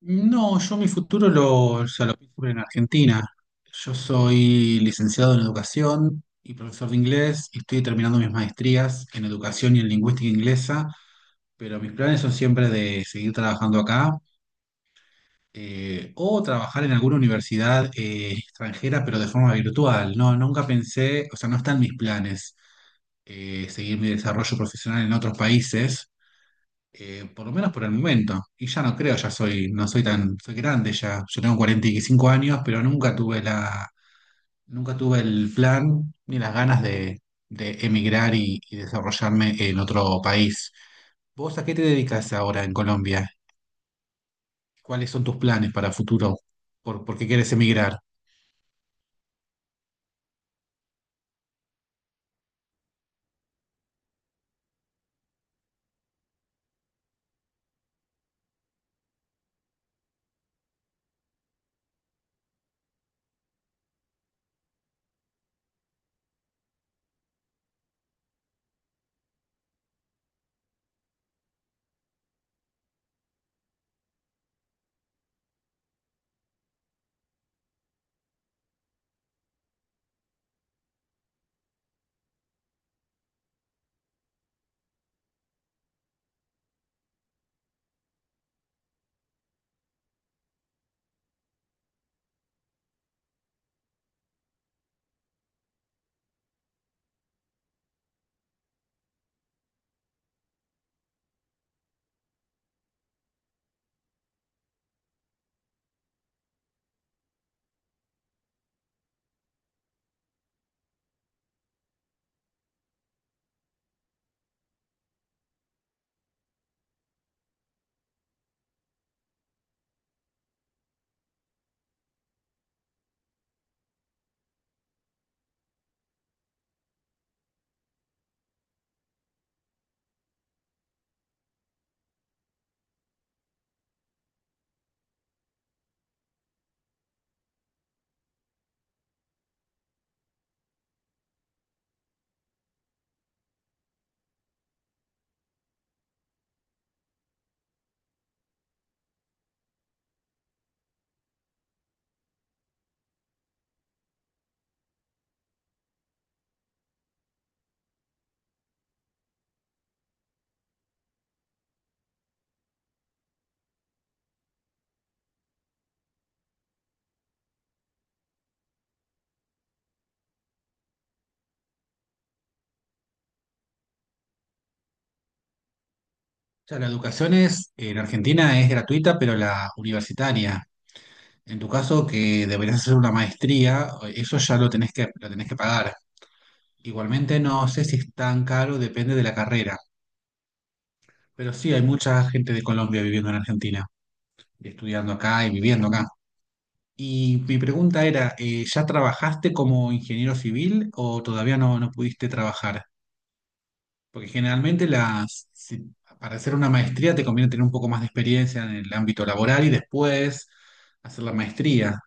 No, yo mi futuro o sea, lo pienso en Argentina. Yo soy licenciado en educación y profesor de inglés y estoy terminando mis maestrías en educación y en lingüística inglesa, pero mis planes son siempre de seguir trabajando acá o trabajar en alguna universidad extranjera, pero de forma virtual. No, nunca pensé, o sea, no están mis planes seguir mi desarrollo profesional en otros países por lo menos por el momento. Y ya no creo, ya soy, no soy tan, soy grande ya. Yo tengo 45 años, pero nunca tuve nunca tuve el plan ni las ganas de emigrar y desarrollarme en otro país. ¿Vos a qué te dedicas ahora en Colombia? ¿Cuáles son tus planes para futuro? ¿Por qué quieres emigrar? O sea, la educación en Argentina es gratuita, pero la universitaria. En tu caso, que deberías hacer una maestría, eso ya lo tenés que pagar. Igualmente no sé si es tan caro, depende de la carrera, pero sí hay mucha gente de Colombia viviendo en Argentina, estudiando acá y viviendo acá. Y mi pregunta era, ¿ya trabajaste como ingeniero civil o todavía no, no pudiste trabajar? Porque generalmente las, si- para hacer una maestría te conviene tener un poco más de experiencia en el ámbito laboral y después hacer la maestría.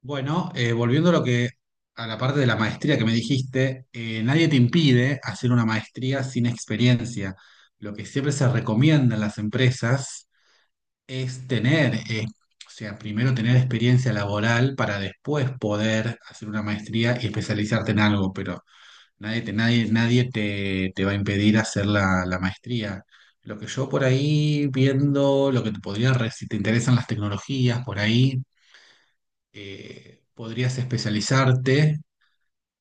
Bueno, volviendo a lo que a la parte de la maestría que me dijiste, nadie te impide hacer una maestría sin experiencia. Lo que siempre se recomienda en las empresas es tener, o sea, primero tener experiencia laboral para después poder hacer una maestría y especializarte en algo, pero nadie te va a impedir hacer la maestría. Lo que yo por ahí viendo, lo que te podría, si te interesan las tecnologías, por ahí podrías especializarte,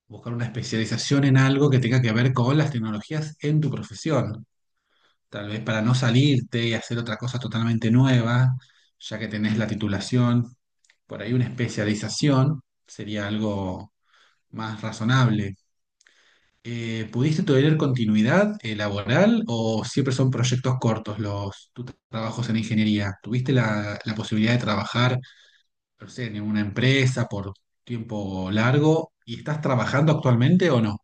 buscar una especialización en algo que tenga que ver con las tecnologías en tu profesión, tal vez para no salirte y hacer otra cosa totalmente nueva, ya que tenés la titulación, por ahí una especialización sería algo más razonable. ¿Pudiste tener continuidad laboral o siempre son proyectos cortos los tus trabajos en ingeniería? ¿Tuviste la posibilidad de trabajar? No sé, ¿en una empresa por tiempo largo y estás trabajando actualmente o no?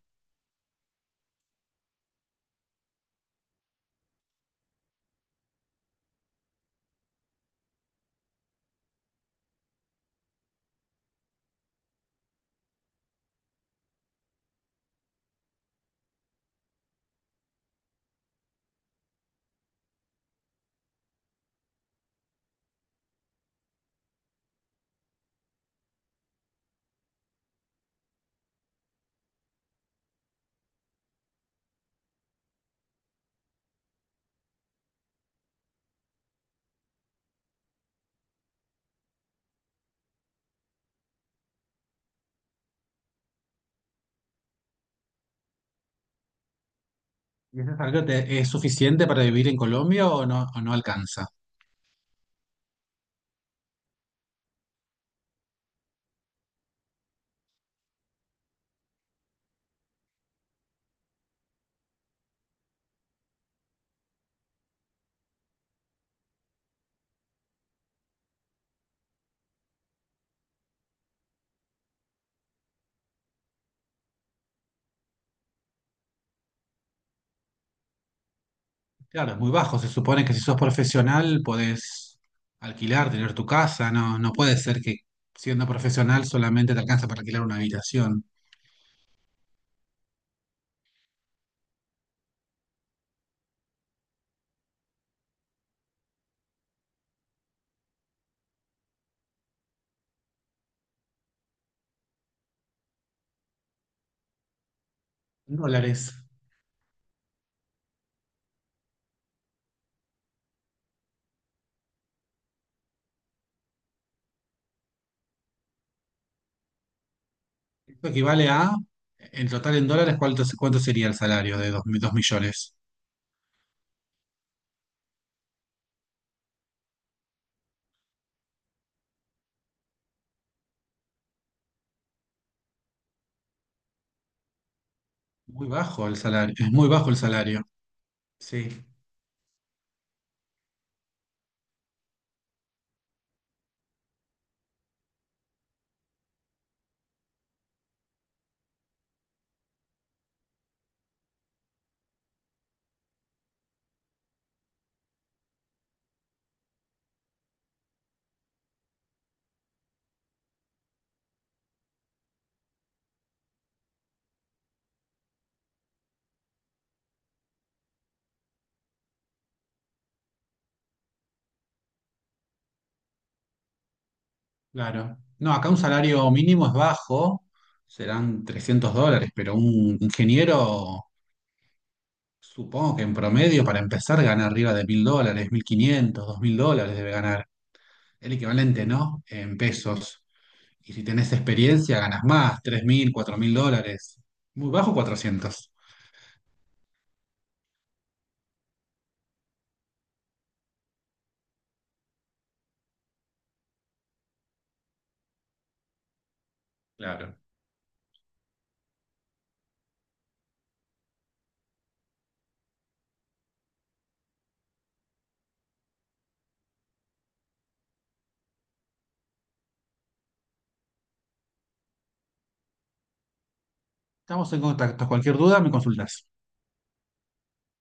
¿Y ese salario es suficiente para vivir en Colombia o no alcanza? Claro, es muy bajo. Se supone que si sos profesional podés alquilar, tener tu casa. No, no puede ser que siendo profesional solamente te alcanza para alquilar una habitación. En dólares. Esto equivale a, en total en dólares, ¿cuánto sería el salario de 2 millones? Muy bajo el salario. Es muy bajo el salario. Sí. Claro. No, acá un salario mínimo es bajo, serán 300 dólares, pero un ingeniero, supongo que en promedio, para empezar, gana arriba de 1.000 dólares, 1.500, 2.000 dólares debe ganar. El equivalente, ¿no? En pesos. Y si tenés experiencia, ganas más, 3.000, 4.000 dólares. Muy bajo, 400. Claro. Estamos en contacto. Cualquier duda, me consultas.